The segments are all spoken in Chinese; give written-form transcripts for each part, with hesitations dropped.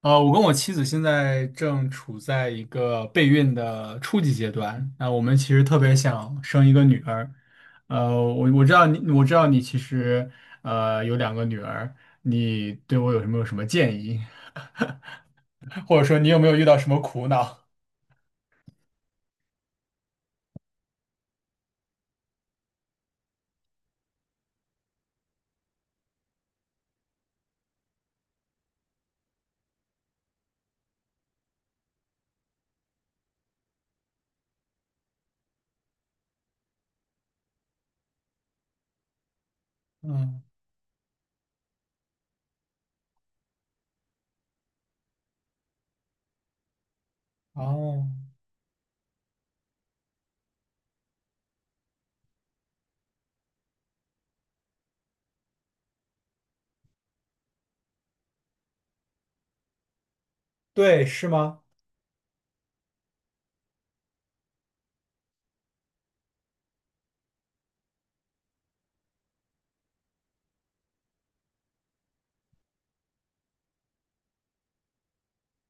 我跟我妻子现在正处在一个备孕的初级阶段。那我们其实特别想生一个女儿。我知道你其实有两个女儿，你对我有什么建议，或者说你有没有遇到什么苦恼？嗯，哦，对，是吗？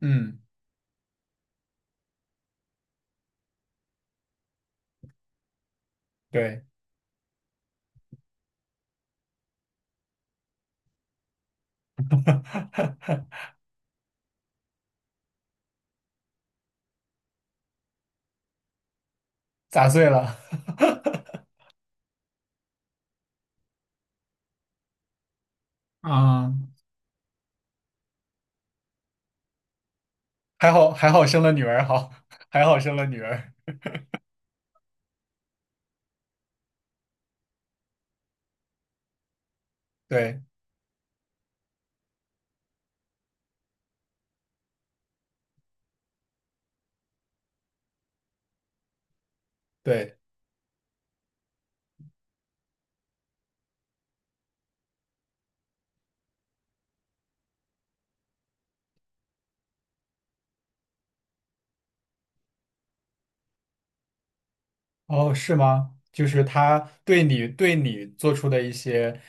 嗯，对，砸碎了。啊，还好还好生了女儿，好，还好生了女儿。对对。哦，是吗？就是他对你做出的一些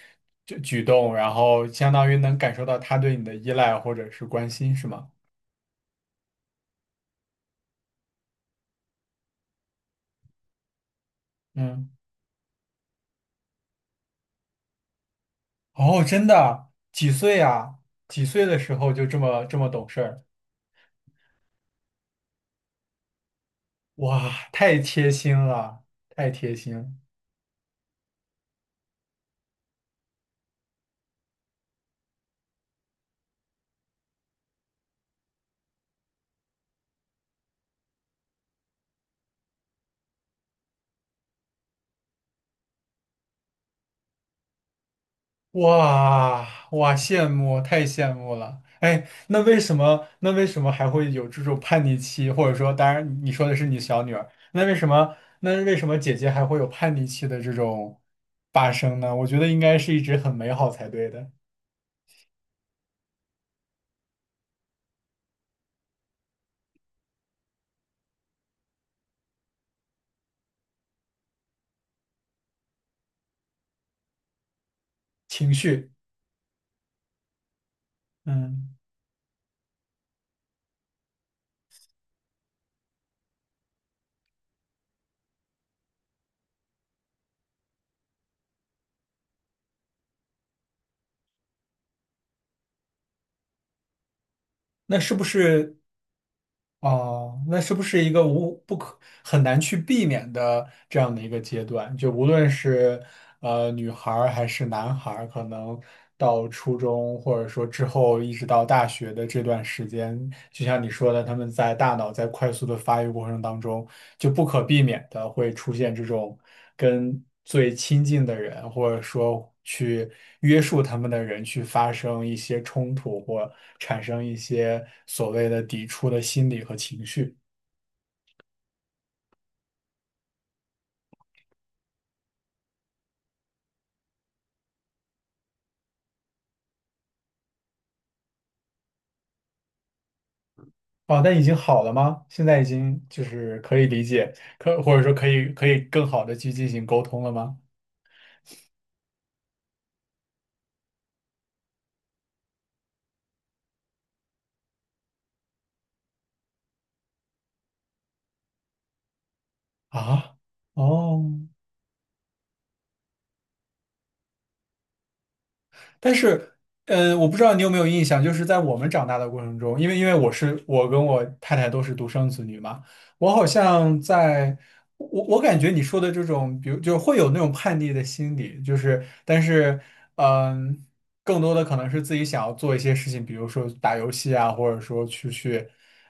举动，然后相当于能感受到他对你的依赖或者是关心，是吗？嗯，哦，真的，几岁啊？几岁的时候就这么懂事儿？哇，太贴心了，太贴心了。哇哇，羡慕，太羡慕了！哎，那为什么还会有这种叛逆期？或者说，当然你说的是你小女儿，那为什么姐姐还会有叛逆期的这种发生呢？我觉得应该是一直很美好才对的情绪。嗯，那是不是哦？那是不是一个无不可很难去避免的这样的一个阶段？就无论是女孩儿还是男孩儿，可能到初中或者说之后一直到大学的这段时间，就像你说的，他们在大脑在快速的发育过程当中，就不可避免的会出现这种跟最亲近的人，或者说去约束他们的人去发生一些冲突或产生一些所谓的抵触的心理和情绪。哦，那已经好了吗？现在已经就是可以理解，或者说可以更好的去进行沟通了吗？啊，哦。但是，我不知道你有没有印象，就是在我们长大的过程中，因为我是我跟我太太都是独生子女嘛，我好像在，我我感觉你说的这种，比如就会有那种叛逆的心理，就是，但是，嗯、更多的可能是自己想要做一些事情，比如说打游戏啊，或者说出去，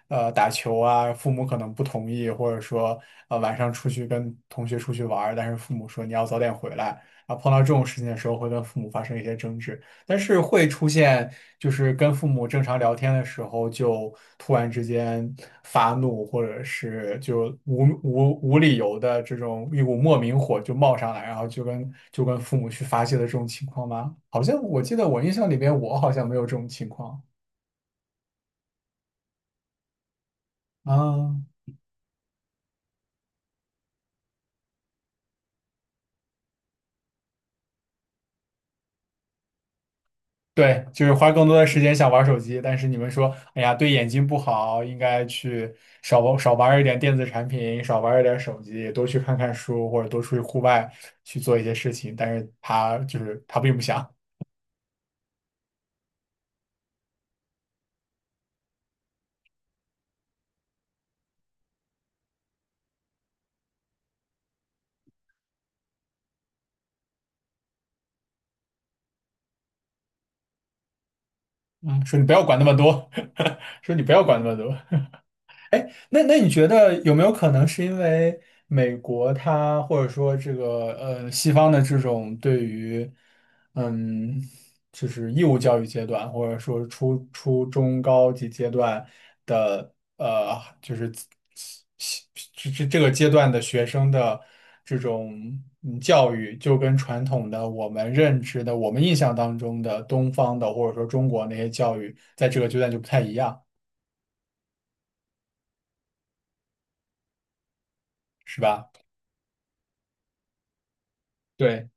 打球啊，父母可能不同意，或者说，晚上出去跟同学出去玩儿但是父母说你要早点回来。啊，碰到这种事情的时候，会跟父母发生一些争执。但是会出现，就是跟父母正常聊天的时候，就突然之间发怒，或者是就无理由的这种一股莫名火就冒上来，然后就跟父母去发泄的这种情况吗？好像我记得我印象里边，我好像没有这种情况啊。对，就是花更多的时间想玩手机，但是你们说，哎呀，对眼睛不好，应该去少玩一点电子产品，少玩一点手机，多去看看书，或者多出去户外去做一些事情。但是他就是他并不想，嗯，说你不要管那么多，说你不要管那么多。那你觉得有没有可能是因为美国它或者说这个西方的这种对于嗯就是义务教育阶段或者说初中高级阶段的就是这个阶段的学生的这种嗯教育，就跟传统的我们认知的我们印象当中的东方的或者说中国那些教育，在这个阶段就不太一样，是吧？对。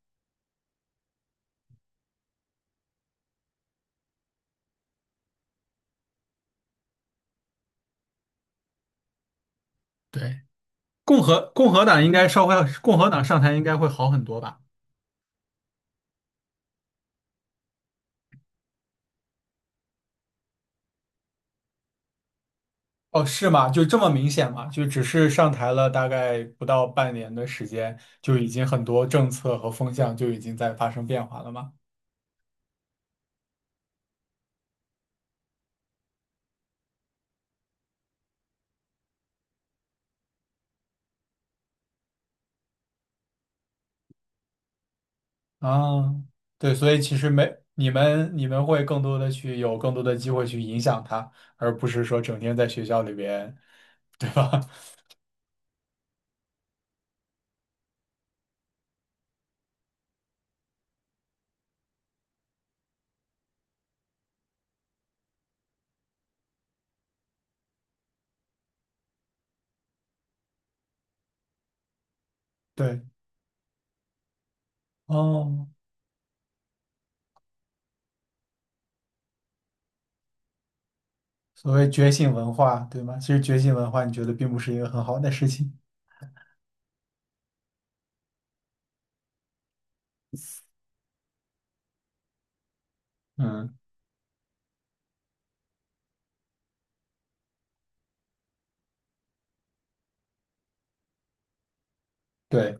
对，共和党应该稍微共和党上台应该会好很多吧？哦，是吗？就这么明显吗？就只是上台了大概不到半年的时间，就已经很多政策和风向就已经在发生变化了吗？啊，对，所以其实没，你们会更多的去有更多的机会去影响他，而不是说整天在学校里边，对吧？对，哦，所谓觉醒文化，对吗？其实觉醒文化，你觉得并不是一个很好的事情。嗯，对。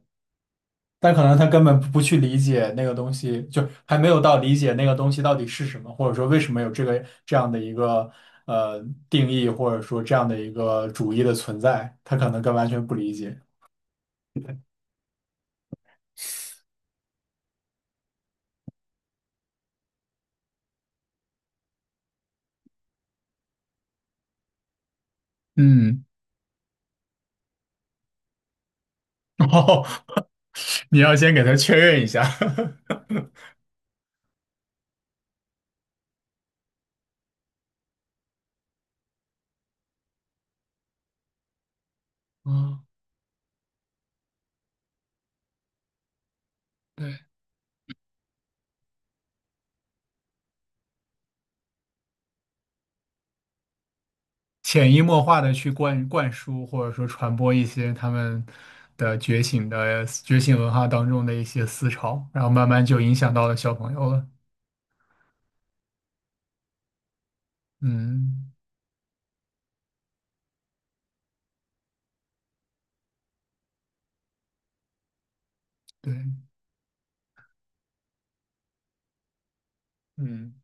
但可能他根本不去理解那个东西，就还没有到理解那个东西到底是什么，或者说为什么有这个这样的一个呃定义，或者说这样的一个主义的存在，他可能更完全不理解。嗯，哦，你要先给他确认一下。嗯，对，潜移默化的去灌输或者说传播一些他们的觉醒文化当中的一些思潮，然后慢慢就影响到了小朋友了。嗯，对。嗯，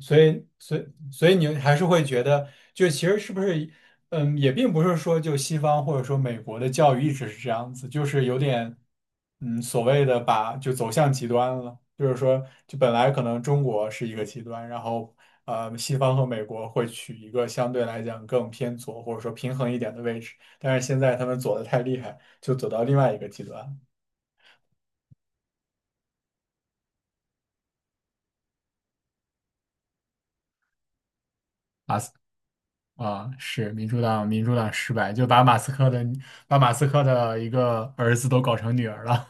所以，所以，所以你还是会觉得，就其实是不是，嗯，也并不是说就西方或者说美国的教育一直是这样子，就是有点，嗯，所谓的把就走向极端了，就是说，就本来可能中国是一个极端，然后西方和美国会取一个相对来讲更偏左或者说平衡一点的位置，但是现在他们左的太厉害，就走到另外一个极端了。啊，是民主党，民主党失败，就把马斯克的一个儿子都搞成女儿了。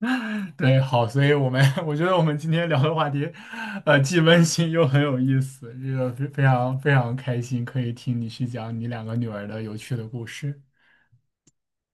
对，好，所以我们 我觉得我们今天聊的话题，既温馨又很有意思，这个非常非常开心，可以听你去讲你两个女儿的有趣的故事。